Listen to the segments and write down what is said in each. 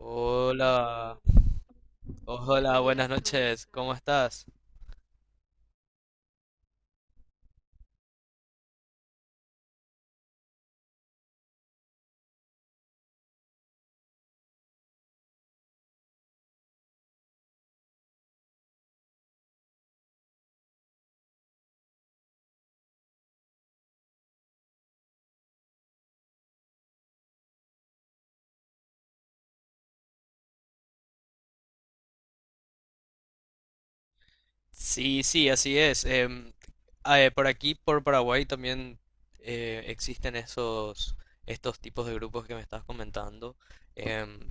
Hola, hola, buenas noches, ¿cómo estás? Sí, sí, así es. Por aquí, por Paraguay, también existen estos tipos de grupos que me estás comentando, em,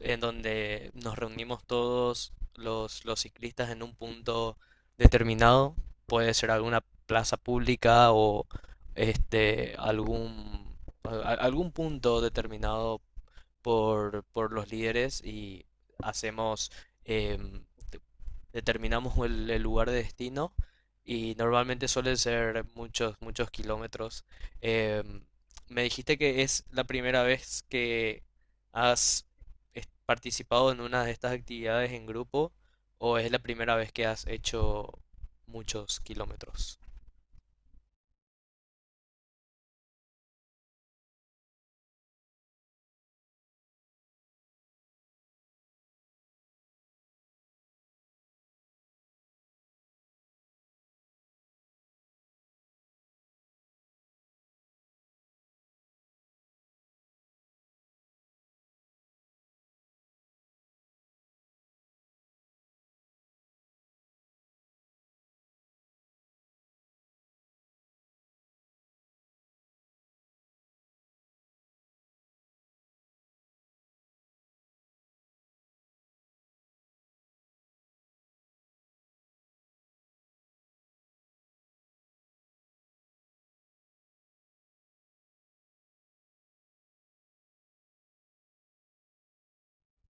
en donde nos reunimos todos los ciclistas en un punto determinado. Puede ser alguna plaza pública o este, algún, algún punto determinado por los líderes y hacemos, em, determinamos el lugar de destino, y normalmente suelen ser muchos kilómetros. Em, Me dijiste que es la primera vez que has participado en una de estas actividades en grupo, o es la primera vez que has hecho muchos kilómetros.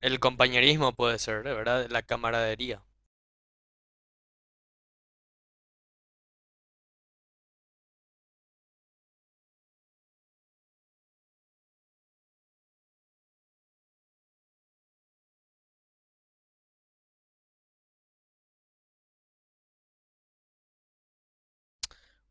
El compañerismo puede ser, de ¿verdad? La camaradería.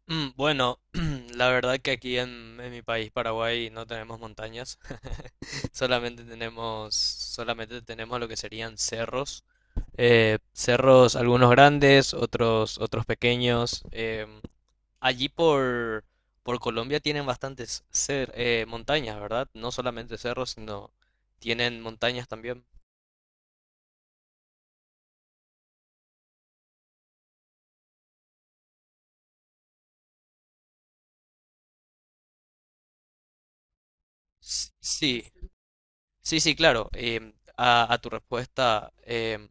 Mm, bueno, la verdad que aquí en mi país, Paraguay, no tenemos montañas, solamente tenemos lo que serían cerros. Cerros, algunos grandes, otros, otros pequeños. Allí por Colombia tienen bastantes montañas, ¿verdad? No solamente cerros, sino tienen montañas también. Sí, sí, sí, claro. A tu respuesta,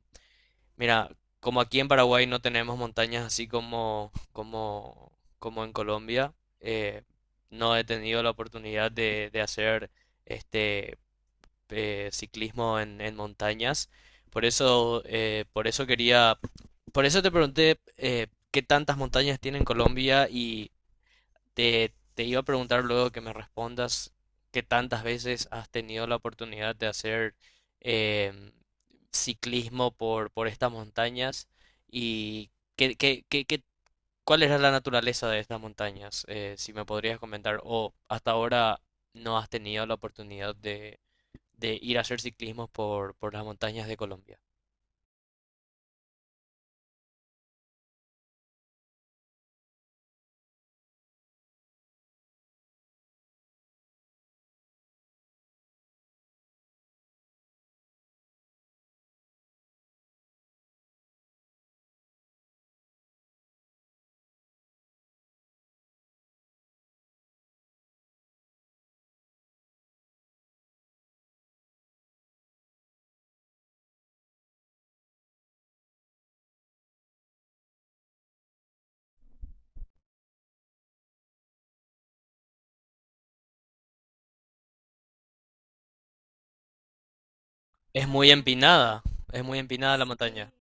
mira, como aquí en Paraguay no tenemos montañas así como en Colombia, eh, no he tenido la oportunidad de hacer este ciclismo en montañas. Por eso, por eso te pregunté, qué tantas montañas tiene en Colombia. Te iba a preguntar luego que me respondas qué tantas veces has tenido la oportunidad de hacer, em, ciclismo por estas montañas, y qué, qué, qué- qué- cuál era la naturaleza de estas montañas. Eh, si me podrías comentar, o hasta ahora no has tenido la oportunidad de ir a hacer ciclismo por las montañas de Colombia. Es muy empinada, es muy empinada la, sí, montaña.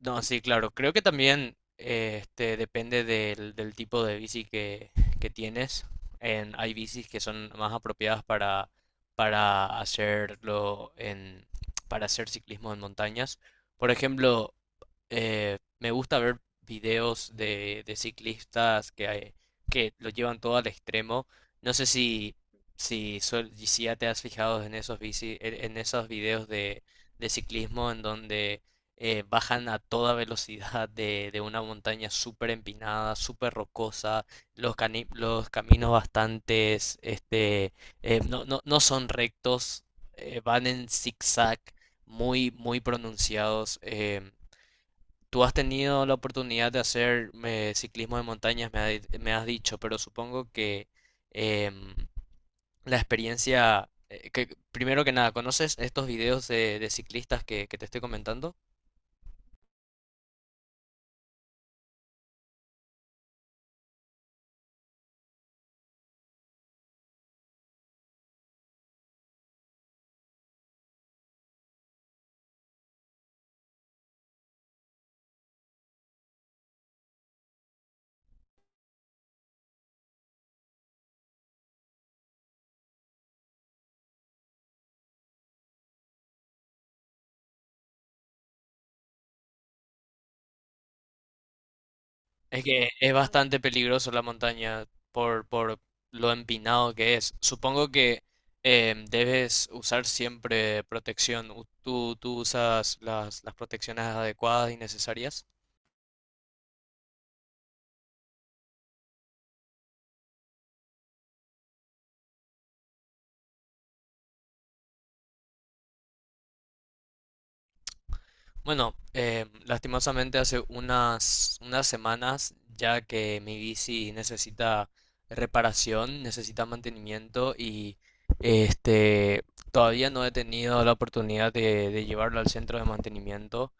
No, sí, claro. Creo que también depende del tipo de bici que tienes. Hay bicis que son más apropiadas para hacerlo para hacer ciclismo en montañas. Por ejemplo, me gusta ver videos de ciclistas que lo llevan todo al extremo. No sé si ya te has fijado en esos videos de ciclismo en donde bajan a toda velocidad de una montaña súper empinada, súper rocosa. Los caminos bastantes, no son rectos, van en zigzag muy, muy pronunciados. Tú has tenido la oportunidad de hacer, ciclismo de montañas, me has dicho, pero supongo que, em, primero que nada, ¿conoces estos videos de ciclistas que te estoy comentando? Es que es bastante peligroso la montaña por lo empinado que es. Supongo que, debes usar siempre protección. ¿Tú, tú usas las protecciones adecuadas y necesarias? Bueno, lastimosamente hace unas, unas semanas, ya que mi bici necesita reparación, necesita mantenimiento y este, todavía no he tenido la oportunidad de llevarlo al centro de mantenimiento,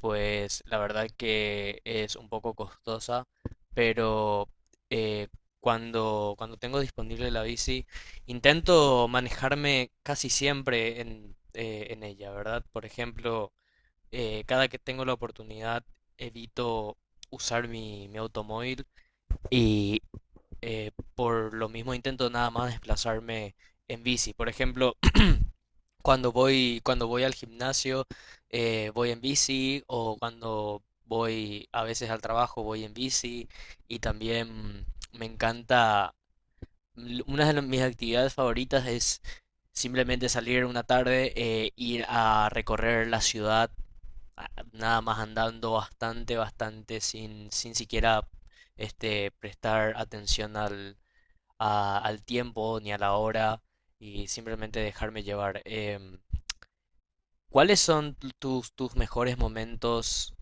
pues la verdad que es un poco costosa. Pero eh, cuando tengo disponible la bici, intento manejarme casi siempre en ella, ¿verdad? Por ejemplo, cada que tengo la oportunidad evito usar mi, mi automóvil, y por lo mismo intento nada más desplazarme en bici. Por ejemplo, cuando voy al gimnasio, voy en bici, o cuando voy a veces al trabajo voy en bici. Y también me encanta, una de mis actividades favoritas es simplemente salir una tarde, ir a recorrer la ciudad nada más andando bastante, bastante, sin siquiera prestar atención al tiempo ni a la hora, y simplemente dejarme llevar. ¿Cuáles son tus mejores momentos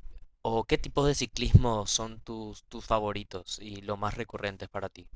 o qué tipos de ciclismo son tus, tus favoritos y los más recurrentes para ti?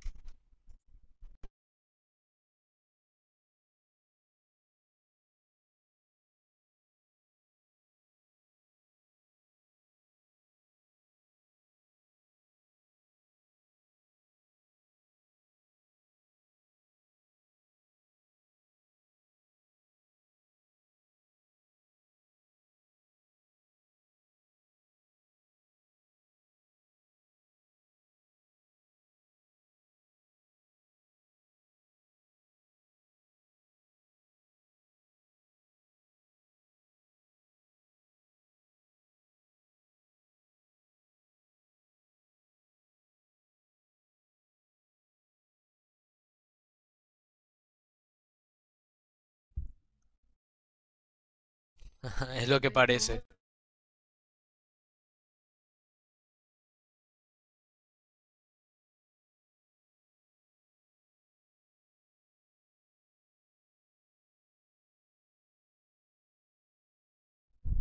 Es lo que parece.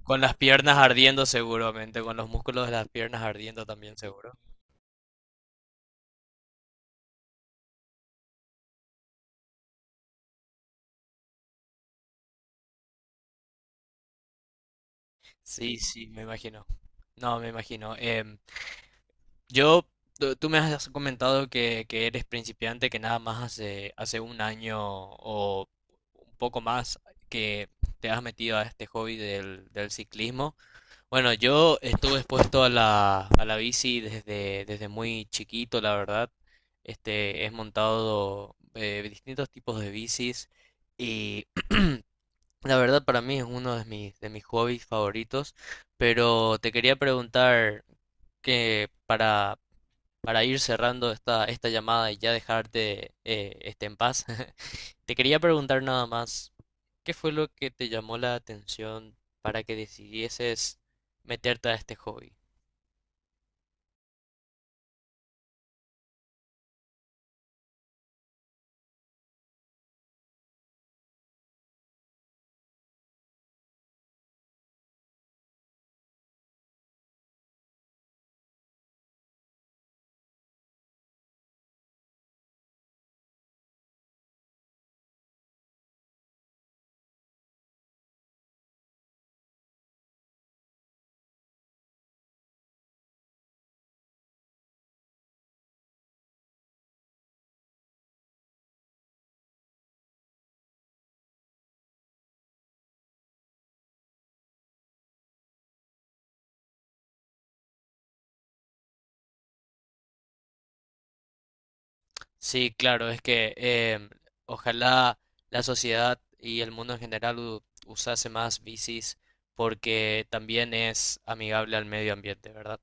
Con las piernas ardiendo seguramente, con los músculos de las piernas ardiendo también seguro. Sí, sí, me imagino. No, me imagino. Yo, tú me has comentado que eres principiante, que nada más hace un año o un poco más que te has metido a este hobby del ciclismo. Bueno, yo estuve expuesto a la bici desde muy chiquito, la verdad. Este, he montado distintos tipos de bicis, y la verdad para mí es uno de mis hobbies favoritos. Pero te quería preguntar que para ir cerrando esta, esta llamada y ya dejarte en paz, te quería preguntar nada más, ¿qué fue lo que te llamó la atención para que decidieses meterte a este hobby? Sí, claro, es que, ojalá la sociedad y el mundo en general usase más bicis, porque también es amigable al medio ambiente, ¿verdad?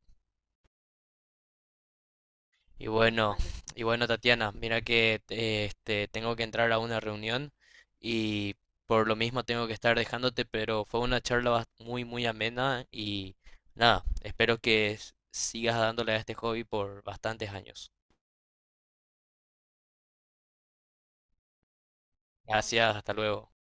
Y bueno, Tatiana, mira que tengo que entrar a una reunión, y por lo mismo tengo que estar dejándote, pero fue una charla muy, muy amena, y nada, espero que sigas dándole a este hobby por bastantes años. Gracias, hasta luego.